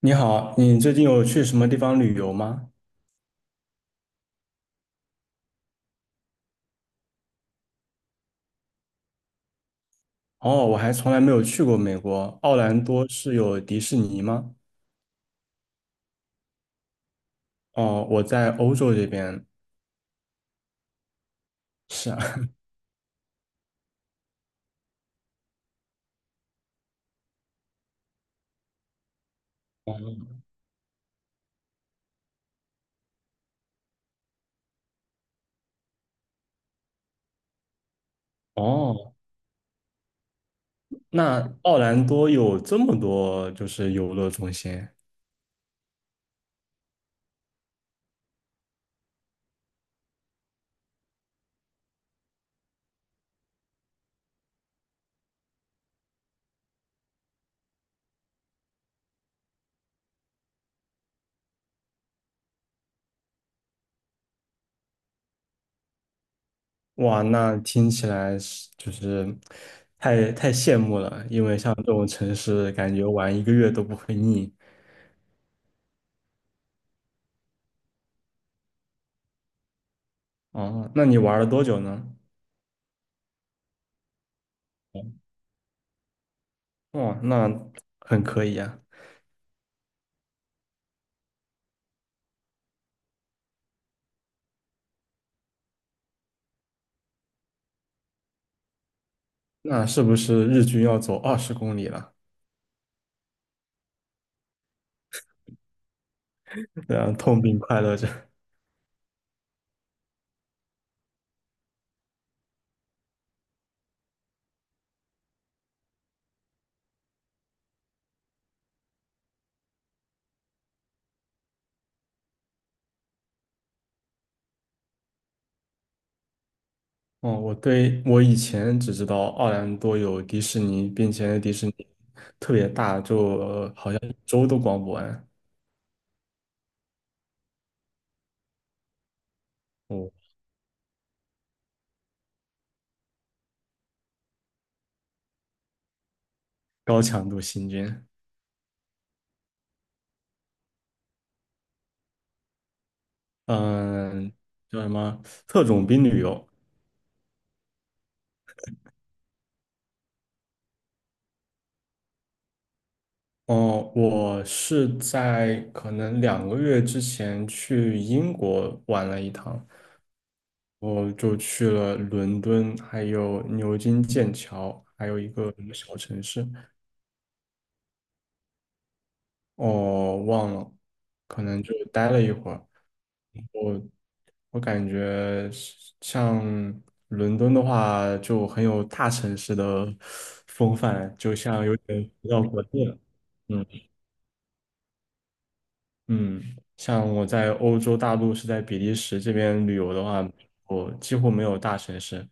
你好，你最近有去什么地方旅游吗？哦，我还从来没有去过美国，奥兰多是有迪士尼吗？哦，我在欧洲这边。是啊，哦，那奥兰多有这么多就是游乐中心。哇，那听起来是就是太羡慕了，因为像这种城市，感觉玩一个月都不会腻。哦，那你玩了多久呢？哦，那很可以啊。那是不是日均要走20公里了？对啊，痛并快乐着。哦，我对我以前只知道奥兰多有迪士尼，并且迪士尼特别大，就好像一周都逛不完。哦，高强度行军。嗯，叫什么特种兵旅游？哦，我是在可能2个月之前去英国玩了一趟，我就去了伦敦，还有牛津、剑桥。哦忘了，可能就待了一会儿。我感觉是像伦敦的话，就很有大城市的 风范，就像有点回到国内了。嗯嗯，像我在欧洲大陆是在比利时这边旅游的话，我几乎没有大城市。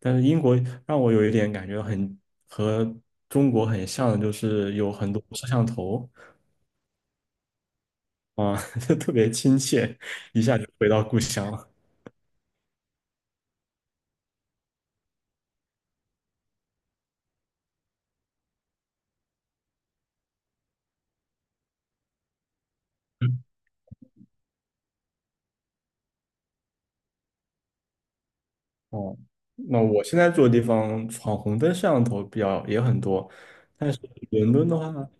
但是英国让我有一点感觉很和中国很像的，就是有很多摄像头。啊，就特别亲切，一下就回到故乡了。哦，那我现在住的地方闯红灯摄像头比较也很多。但是伦敦的话，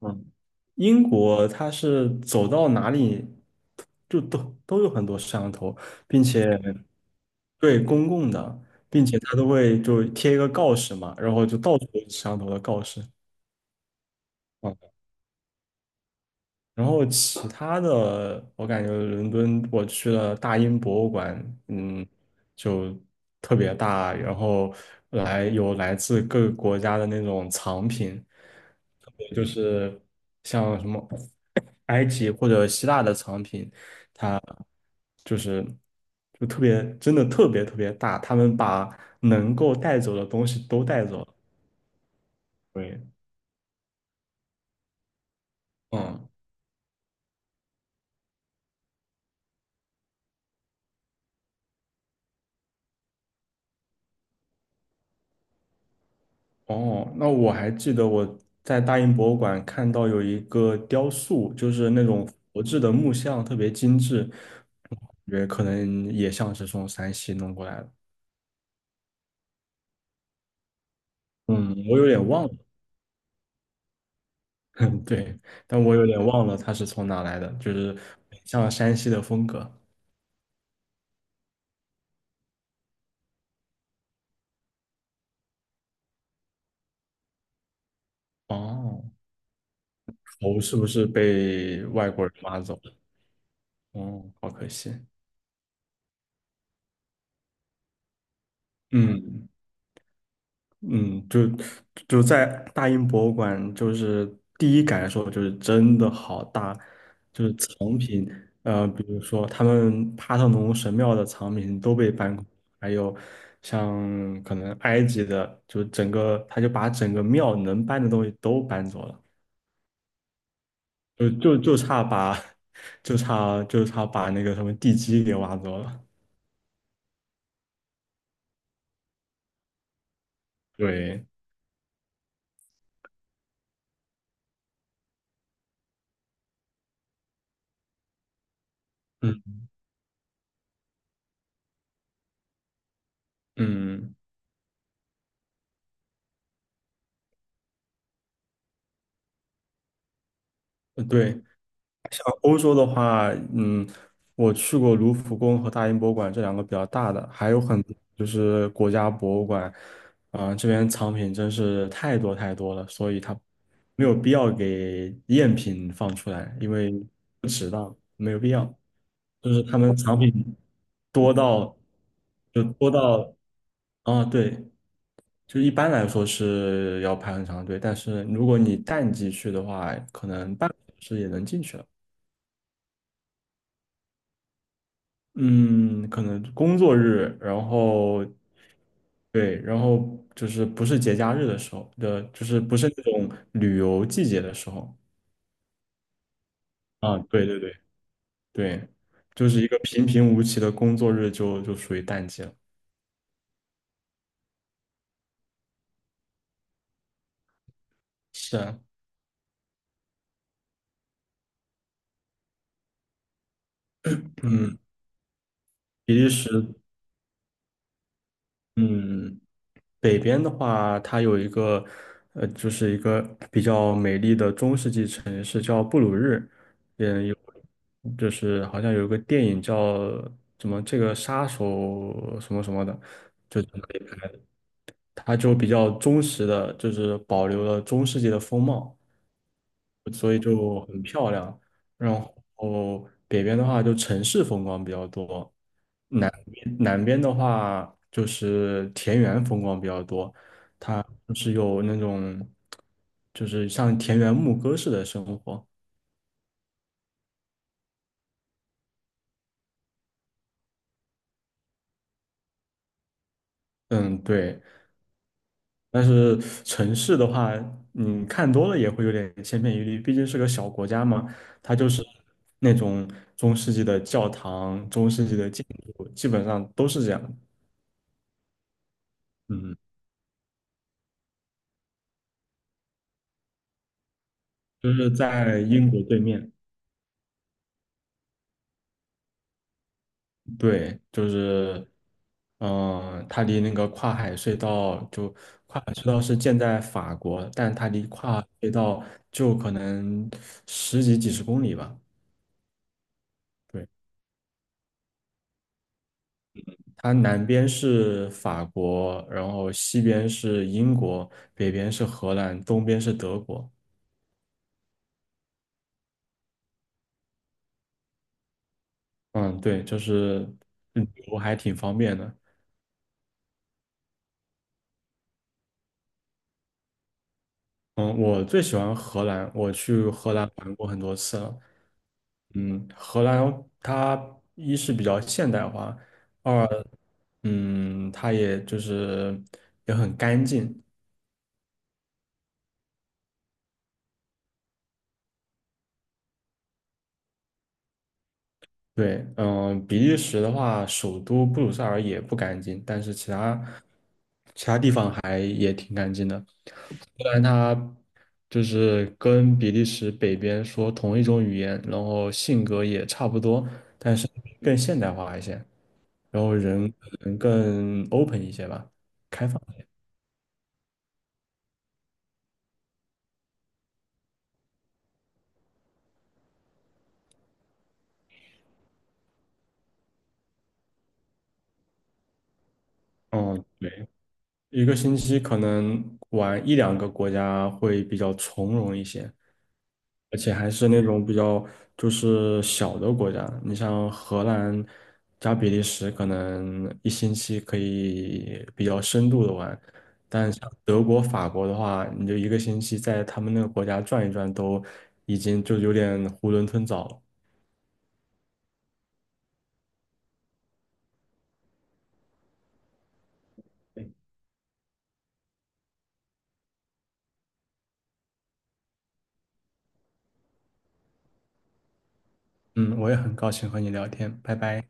嗯，英国它是走到哪里就都有很多摄像头，并且对公共的，并且它都会就贴一个告示嘛，然后就到处都是摄像头的告示。嗯，然后其他的，我感觉伦敦我去了大英博物馆。嗯，就特别大，然后有来自各个国家的那种藏品，特别就是像什么埃及或者希腊的藏品，它就是就特别真的特别特别大，他们把能够带走的东西都带走了。对，嗯。哦，那我还记得我在大英博物馆看到有一个雕塑，就是那种佛制的木像，特别精致，感觉可能也像是从山西弄过来的。嗯，我有点忘了。对，但我有点忘了它是从哪来的，就是很像山西的风格。哦，头是不是被外国人挖走了？哦，好可惜。嗯，嗯，就在大英博物馆，就是第一感受就是真的好大。就是藏品，比如说他们帕特农神庙的藏品都被搬空，还有像可能埃及的，就整个他就把整个庙能搬的东西都搬走了，就差把 就差把那个什么地基给挖走了。对，嗯嗯，对。像欧洲的话，嗯，我去过卢浮宫和大英博物馆这两个比较大的，还有很多就是国家博物馆。啊、这边藏品真是太多太多了，所以它没有必要给赝品放出来，因为不值当，没有必要。就是他们藏品多到，就多到，啊，对，就一般来说是要排很长队，但是如果你淡季去的话，可能半个小时也能进去了。嗯，可能工作日，然后对，然后就是不是节假日的时候的，就是不是那种旅游季节的时候。啊，对对对对，就是一个平平无奇的工作日就就属于淡季了。是啊。嗯，比利时，嗯。北边的话，它有一个，呃，就是一个比较美丽的中世纪城市叫布鲁日。嗯，有，就是好像有一个电影叫什么这个杀手什么什么的，就它就比较忠实的，就是保留了中世纪的风貌，所以就很漂亮。然后北边的话就城市风光比较多，南边的话就是田园风光比较多。就是有那种，就是像田园牧歌式的生活。嗯，对。但是城市的话，你看多了也会有点千篇一律，毕竟是个小国家嘛。它就是那种中世纪的教堂、中世纪的建筑，基本上都是这样。嗯，就是在英国对面。对，就是，它离那个跨海隧道是建在法国，但它离跨海隧道就可能十几几十公里吧。对，它南边是法国，然后西边是英国，北边是荷兰，东边是德国。嗯，对，就是旅游还挺方便的。嗯，我最喜欢荷兰，我去荷兰玩过很多次了。嗯，荷兰它一是比较现代化，二它也就是也很干净。对，嗯，比利时的话，首都布鲁塞尔也不干净，但是其他地方还也挺干净的。虽然它就是跟比利时北边说同一种语言，然后性格也差不多，但是更现代化一些。然后人可能更 open 一些吧，开放。嗯，对，一个星期可能玩一两个国家会比较从容一些，而且还是那种比较就是小的国家，你像荷兰加比利时，可能一星期可以比较深度的玩，但像德国、法国的话，你就一个星期在他们那个国家转一转，都已经就有点囫囵吞枣了。嗯，我也很高兴和你聊天，拜拜。